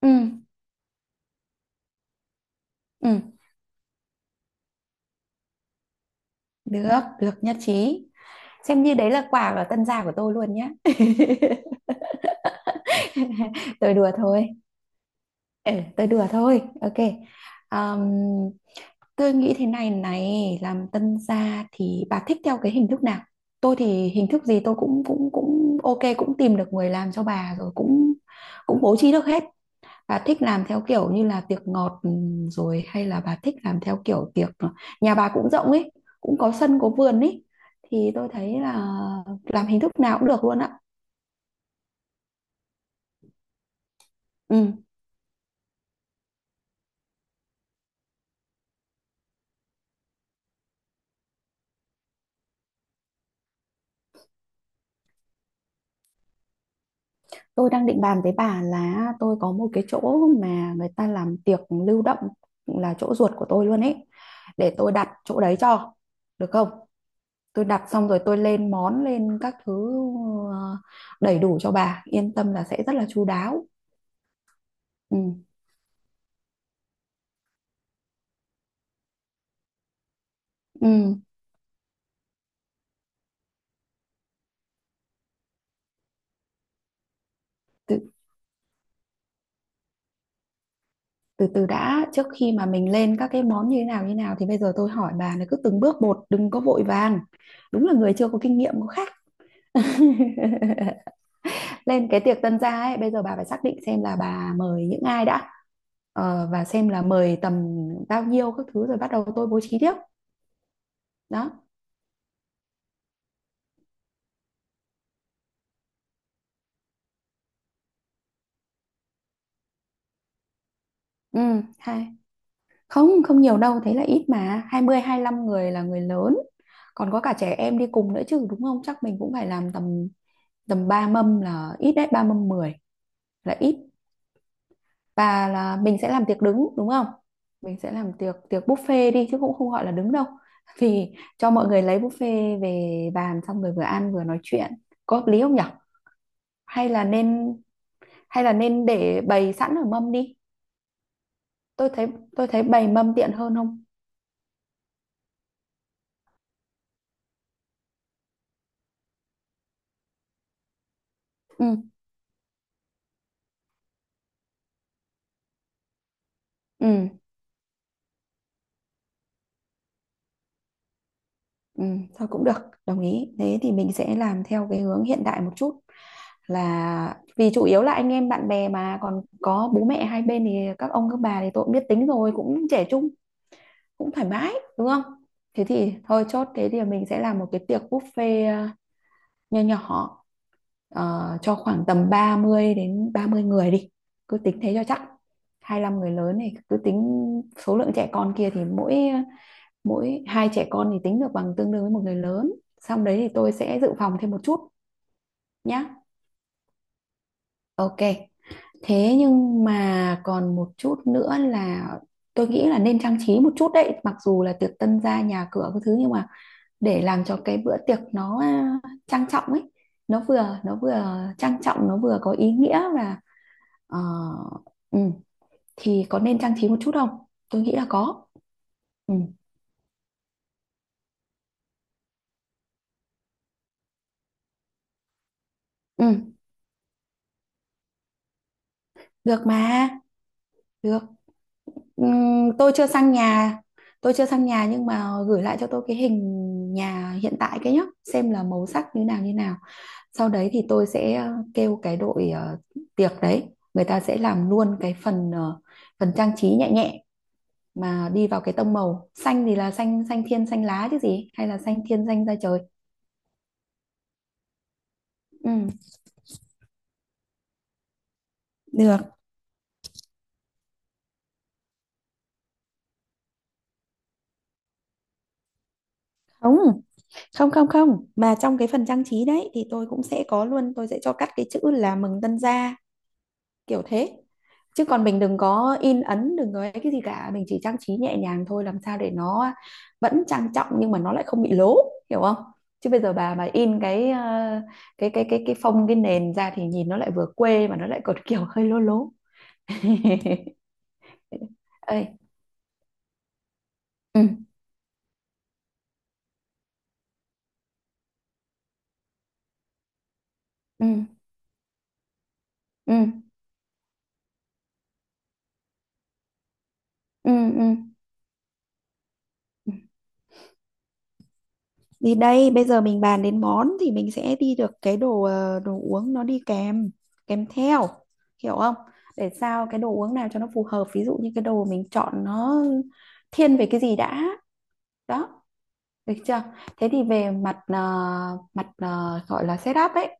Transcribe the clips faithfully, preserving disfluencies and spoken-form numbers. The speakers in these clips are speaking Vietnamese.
Ừ, ừ, được, được nhất trí. Xem như đấy là quà ở tân gia của tôi luôn nhé. Tôi đùa thôi. Ừ, tôi đùa thôi. Ok. Ờm, tôi nghĩ thế này này, làm tân gia thì bà thích theo cái hình thức nào? Tôi thì hình thức gì tôi cũng cũng cũng ok, cũng tìm được người làm cho bà rồi cũng cũng bố trí được hết. Bà thích làm theo kiểu như là tiệc ngọt, ừ, rồi hay là bà thích làm theo kiểu tiệc, nhà bà cũng rộng ấy, cũng có sân có vườn ấy, thì tôi thấy là làm hình thức nào cũng được luôn ạ. Ừ. Tôi đang định bàn với bà là tôi có một cái chỗ mà người ta làm tiệc lưu động, là chỗ ruột của tôi luôn ấy. Để tôi đặt chỗ đấy cho. Được không? Tôi đặt xong rồi tôi lên món lên các thứ ờ, đầy đủ cho bà, yên tâm là sẽ rất là chu đáo. Ừ. Ừ. Từ từ đã, trước khi mà mình lên các cái món như thế nào như thế nào thì bây giờ tôi hỏi bà là cứ từng bước một, đừng có vội vàng. Đúng là người chưa có kinh nghiệm có khác. Lên cái tiệc tân gia ấy, bây giờ bà phải xác định xem là bà mời những ai đã, ờ, và xem là mời tầm bao nhiêu các thứ, rồi bắt đầu tôi bố trí tiếp. Đó. Ừ. Hai, không không nhiều đâu, thế là ít mà. hai mươi lăm người là người lớn, còn có cả trẻ em đi cùng nữa chứ đúng không. Chắc mình cũng phải làm tầm tầm ba mâm là ít đấy, ba mâm mười là ít. Và là mình sẽ làm tiệc đứng đúng không. Mình sẽ làm tiệc tiệc buffet đi, chứ cũng không gọi là đứng đâu. Vì cho mọi người lấy buffet về bàn xong rồi vừa ăn vừa nói chuyện, có hợp lý không nhở? hay là nên Hay là nên để bày sẵn ở mâm đi. tôi thấy tôi thấy bày mâm tiện hơn không. Ừ, ừ, ừ, thôi cũng được. Đồng ý, thế thì mình sẽ làm theo cái hướng hiện đại một chút, là vì chủ yếu là anh em bạn bè mà còn có bố mẹ hai bên, thì các ông các bà thì tôi cũng biết tính rồi, cũng trẻ trung, cũng thoải mái đúng không. Thế thì thôi chốt, thế thì mình sẽ làm một cái tiệc buffet ờ, nho nhỏ, ờ, cho khoảng tầm ba mươi đến ba mươi người đi, cứ tính thế cho chắc. hai mươi lăm người lớn này cứ tính, số lượng trẻ con kia thì mỗi mỗi hai trẻ con thì tính được bằng tương đương với một người lớn. Xong đấy thì tôi sẽ dự phòng thêm một chút nhá. Ok, thế nhưng mà còn một chút nữa là tôi nghĩ là nên trang trí một chút đấy, mặc dù là tiệc tân gia nhà cửa cái thứ nhưng mà để làm cho cái bữa tiệc nó à, trang trọng ấy, nó vừa nó vừa trang trọng, nó vừa có ý nghĩa và ờ, ừ, thì có nên trang trí một chút không, tôi nghĩ là có. Ừ, ừ, được mà, được. Ừ, tôi chưa sang nhà, tôi chưa sang nhà nhưng mà gửi lại cho tôi cái hình nhà hiện tại cái nhá, xem là màu sắc như nào như nào, sau đấy thì tôi sẽ ờ, kêu cái đội ờ, tiệc đấy, người ta sẽ làm luôn cái phần ờ, phần trang trí nhẹ nhẹ mà đi vào cái tông màu xanh, thì là xanh xanh thiên xanh lá chứ gì hay là xanh thiên xanh da trời. Ừ. Được. Không, không không không. Mà trong cái phần trang trí đấy thì tôi cũng sẽ có luôn, tôi sẽ cho cắt cái chữ là mừng tân gia kiểu thế. Chứ còn mình đừng có in ấn, đừng có ấy cái gì cả, mình chỉ trang trí nhẹ nhàng thôi, làm sao để nó vẫn trang trọng nhưng mà nó lại không bị lố, hiểu không. Chứ bây giờ bà mà in cái ờ, cái cái cái cái phông cái nền ra thì nhìn nó lại vừa quê mà nó lại còn kiểu hơi lố lố. Ê, ừ ừ ừ ừ ừ ừ. Thì đây, bây giờ mình bàn đến món thì mình sẽ đi được cái đồ ờ, đồ uống nó đi kèm kèm theo, hiểu không, để sao cái đồ uống nào cho nó phù hợp, ví dụ như cái đồ mình chọn nó thiên về cái gì đã. Đó, được chưa. Thế thì về mặt ờ, mặt ờ, gọi là setup ấy,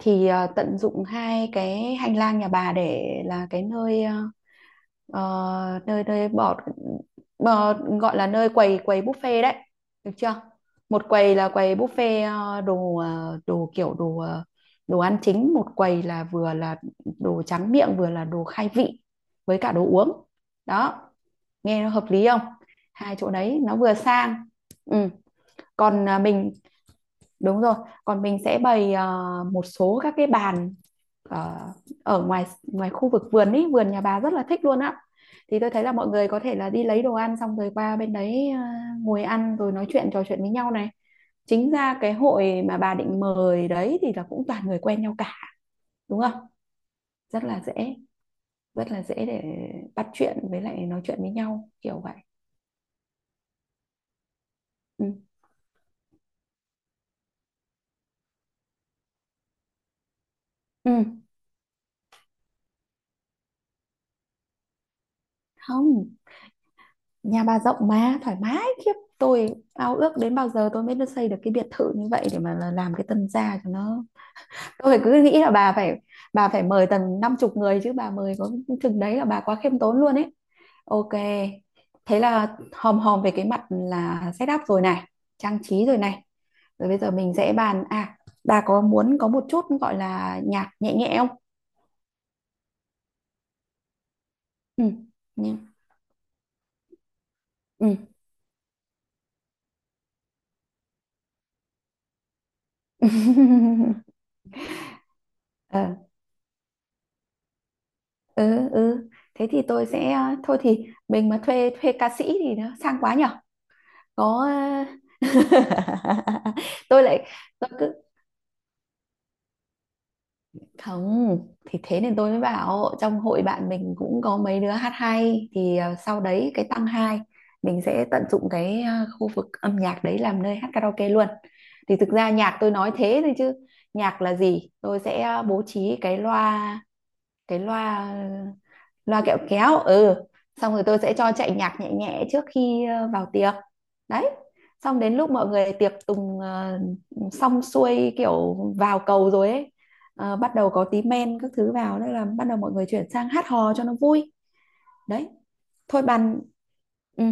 thì ờ, tận dụng hai cái hành lang nhà bà để là cái nơi ờ, Ờ, nơi nơi bỏ, bò, gọi là nơi quầy quầy buffet đấy, được chưa. Một quầy là quầy buffet ờ, đồ ờ, đồ kiểu đồ ờ, đồ ăn chính, một quầy là vừa là đồ tráng miệng vừa là đồ khai vị với cả đồ uống. Đó, nghe nó hợp lý không. Hai chỗ đấy nó vừa sang. Ừ. Còn à, mình, đúng rồi, còn mình sẽ bày ờ, một số các cái bàn ờ, ở ngoài ngoài khu vực vườn ý, vườn nhà bà rất là thích luôn á. Thì tôi thấy là mọi người có thể là đi lấy đồ ăn xong rồi qua bên đấy ờ, ngồi ăn rồi nói chuyện trò chuyện với nhau này. Chính ra cái hội mà bà định mời đấy thì là cũng toàn người quen nhau cả, đúng không? Rất là dễ, rất là dễ để bắt chuyện với lại nói chuyện với nhau kiểu vậy. Ừ. Ừ. Không, nhà bà rộng mà thoải mái khiếp, tôi ao ước đến bao giờ tôi mới được xây được cái biệt thự như vậy để mà là- làm cái tân gia cho nó. Tôi phải cứ nghĩ là bà phải bà phải mời tầm năm chục người, chứ bà mời có chừng đấy là bà quá khiêm tốn luôn ấy. Ok, thế là hòm hòm về cái mặt là setup rồi này, trang trí rồi này, rồi bây giờ mình sẽ bàn, à, bà có muốn có một chút gọi là nhạc nhẹ nhẹ không. Ừ, nhưng ừ. Ừ, ừ, thế thì tôi sẽ ờ, thôi thì mình mà thuê thuê ca sĩ thì nó sang quá nhở. Có. tôi lại tôi cứ, không, thì thế nên tôi mới bảo trong hội bạn mình cũng có mấy đứa hát hay, thì ờ, sau đấy cái tăng hai mình sẽ tận dụng cái ờ, khu vực âm nhạc đấy làm nơi hát karaoke luôn. Thì thực ra nhạc tôi nói thế thôi, chứ nhạc là gì, tôi sẽ ờ, bố trí cái loa cái loa loa kẹo kéo, ừ, xong rồi tôi sẽ cho chạy nhạc nhẹ nhẹ trước khi ờ, vào tiệc đấy. Xong đến lúc mọi người tiệc tùng ờ, xong xuôi kiểu vào cầu rồi ấy, ờ, bắt đầu có tí men các thứ vào đó là bắt đầu mọi người chuyển sang hát hò cho nó vui đấy. Thôi bàn. Ừ.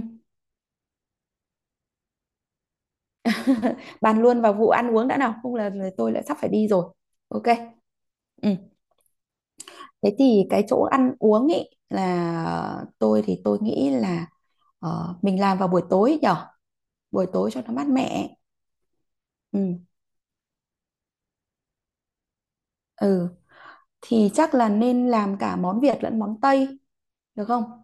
Bàn luôn vào vụ ăn uống đã nào, không là là tôi lại sắp phải đi rồi. Ok. Ừ. Thế thì cái chỗ ăn uống ấy là tôi thì tôi nghĩ là ờ, mình làm vào buổi tối nhở, buổi tối cho nó mát mẻ. Ừ. Ừ. Thì chắc là nên làm cả món Việt lẫn món Tây, được không.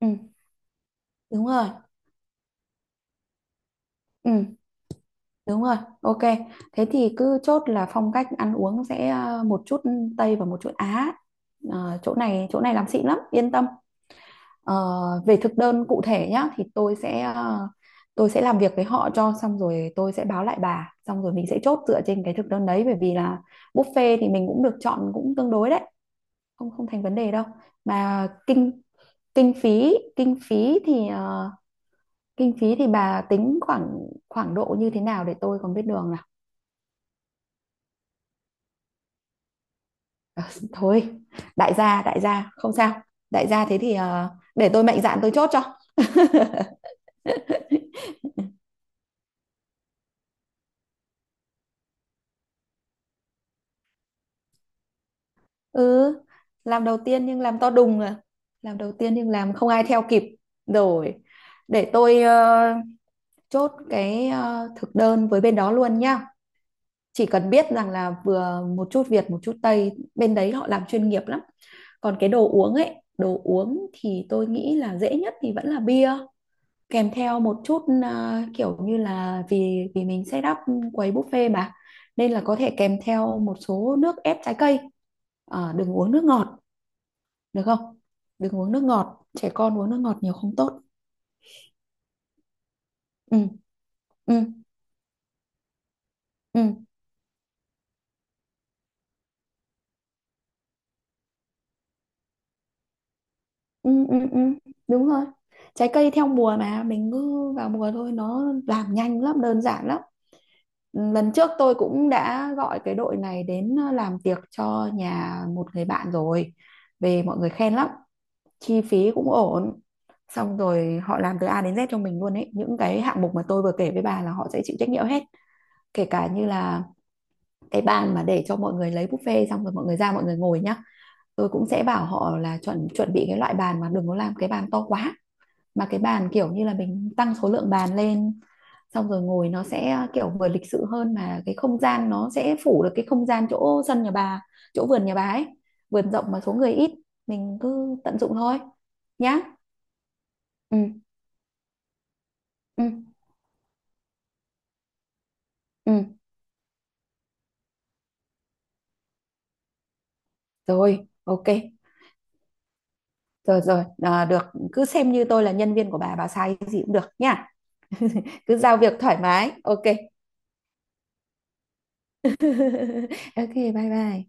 Ừ, đúng rồi. Ừ, đúng rồi. Ok. Thế thì cứ chốt là phong cách ăn uống sẽ ờ, một chút Tây và một chút Á. Ờ, chỗ này chỗ này làm xịn lắm yên tâm. Ờ, về thực đơn cụ thể nhá, thì tôi sẽ ờ, tôi sẽ làm việc với họ cho xong rồi tôi sẽ báo lại bà, xong rồi mình sẽ chốt dựa trên cái thực đơn đấy, bởi vì là buffet thì mình cũng được chọn cũng tương đối đấy, không không thành vấn đề đâu. Mà kinh kinh phí kinh phí thì ờ, kinh phí thì bà tính khoảng khoảng độ như thế nào để tôi còn biết đường nào. Ờ, thôi, đại gia đại gia không sao, đại gia thế thì ờ, để tôi mạnh dạn tôi chốt cho. Ừ, làm đầu tiên nhưng làm to đùng à, làm đầu tiên nhưng làm không ai theo kịp. Rồi, để tôi ờ, chốt cái ờ, thực đơn với bên đó luôn nhá. Chỉ cần biết rằng là vừa một chút Việt, một chút Tây, bên đấy họ làm chuyên nghiệp lắm. Còn cái đồ uống ấy, đồ uống thì tôi nghĩ là dễ nhất thì vẫn là bia kèm theo một chút à, kiểu như là vì vì mình set up quầy buffet mà, nên là có thể kèm theo một số nước ép trái cây. Ờ, đừng uống nước ngọt được không? Đừng uống nước ngọt, trẻ con uống nước ngọt nhiều không tốt. Ừ ừ ừ. Ừ, ừ, ừ. Đúng rồi, trái cây theo mùa mà mình cứ vào mùa thôi, nó làm nhanh lắm, đơn giản lắm. Ừ, lần trước tôi cũng đã gọi cái đội này đến ờ, làm tiệc cho nhà một người bạn rồi, về mọi người khen lắm, chi phí cũng ổn, xong rồi họ làm từ A đến Z cho mình luôn ấy, những cái hạng mục mà tôi vừa kể với bà là họ sẽ chịu trách nhiệm hết, kể cả như là cái bàn mà để cho mọi người lấy buffet xong rồi mọi người ra mọi người ngồi nhá. Tôi cũng sẽ bảo họ là chuẩn chuẩn bị cái loại bàn, mà đừng có làm cái bàn to quá, mà cái bàn kiểu như là mình tăng số lượng bàn lên, xong rồi ngồi nó sẽ kiểu vừa lịch sự hơn, mà cái không gian nó sẽ phủ được cái không gian chỗ sân nhà bà, chỗ vườn nhà bà ấy, vườn rộng mà số người ít, mình cứ tận dụng thôi nhá. Ừ, ừ, ừ, rồi, ok. Rồi rồi, à, được, cứ xem như tôi là nhân viên của bà bà sai cái gì cũng được nha, cứ giao việc thoải mái. Ok. Ok, bye bye.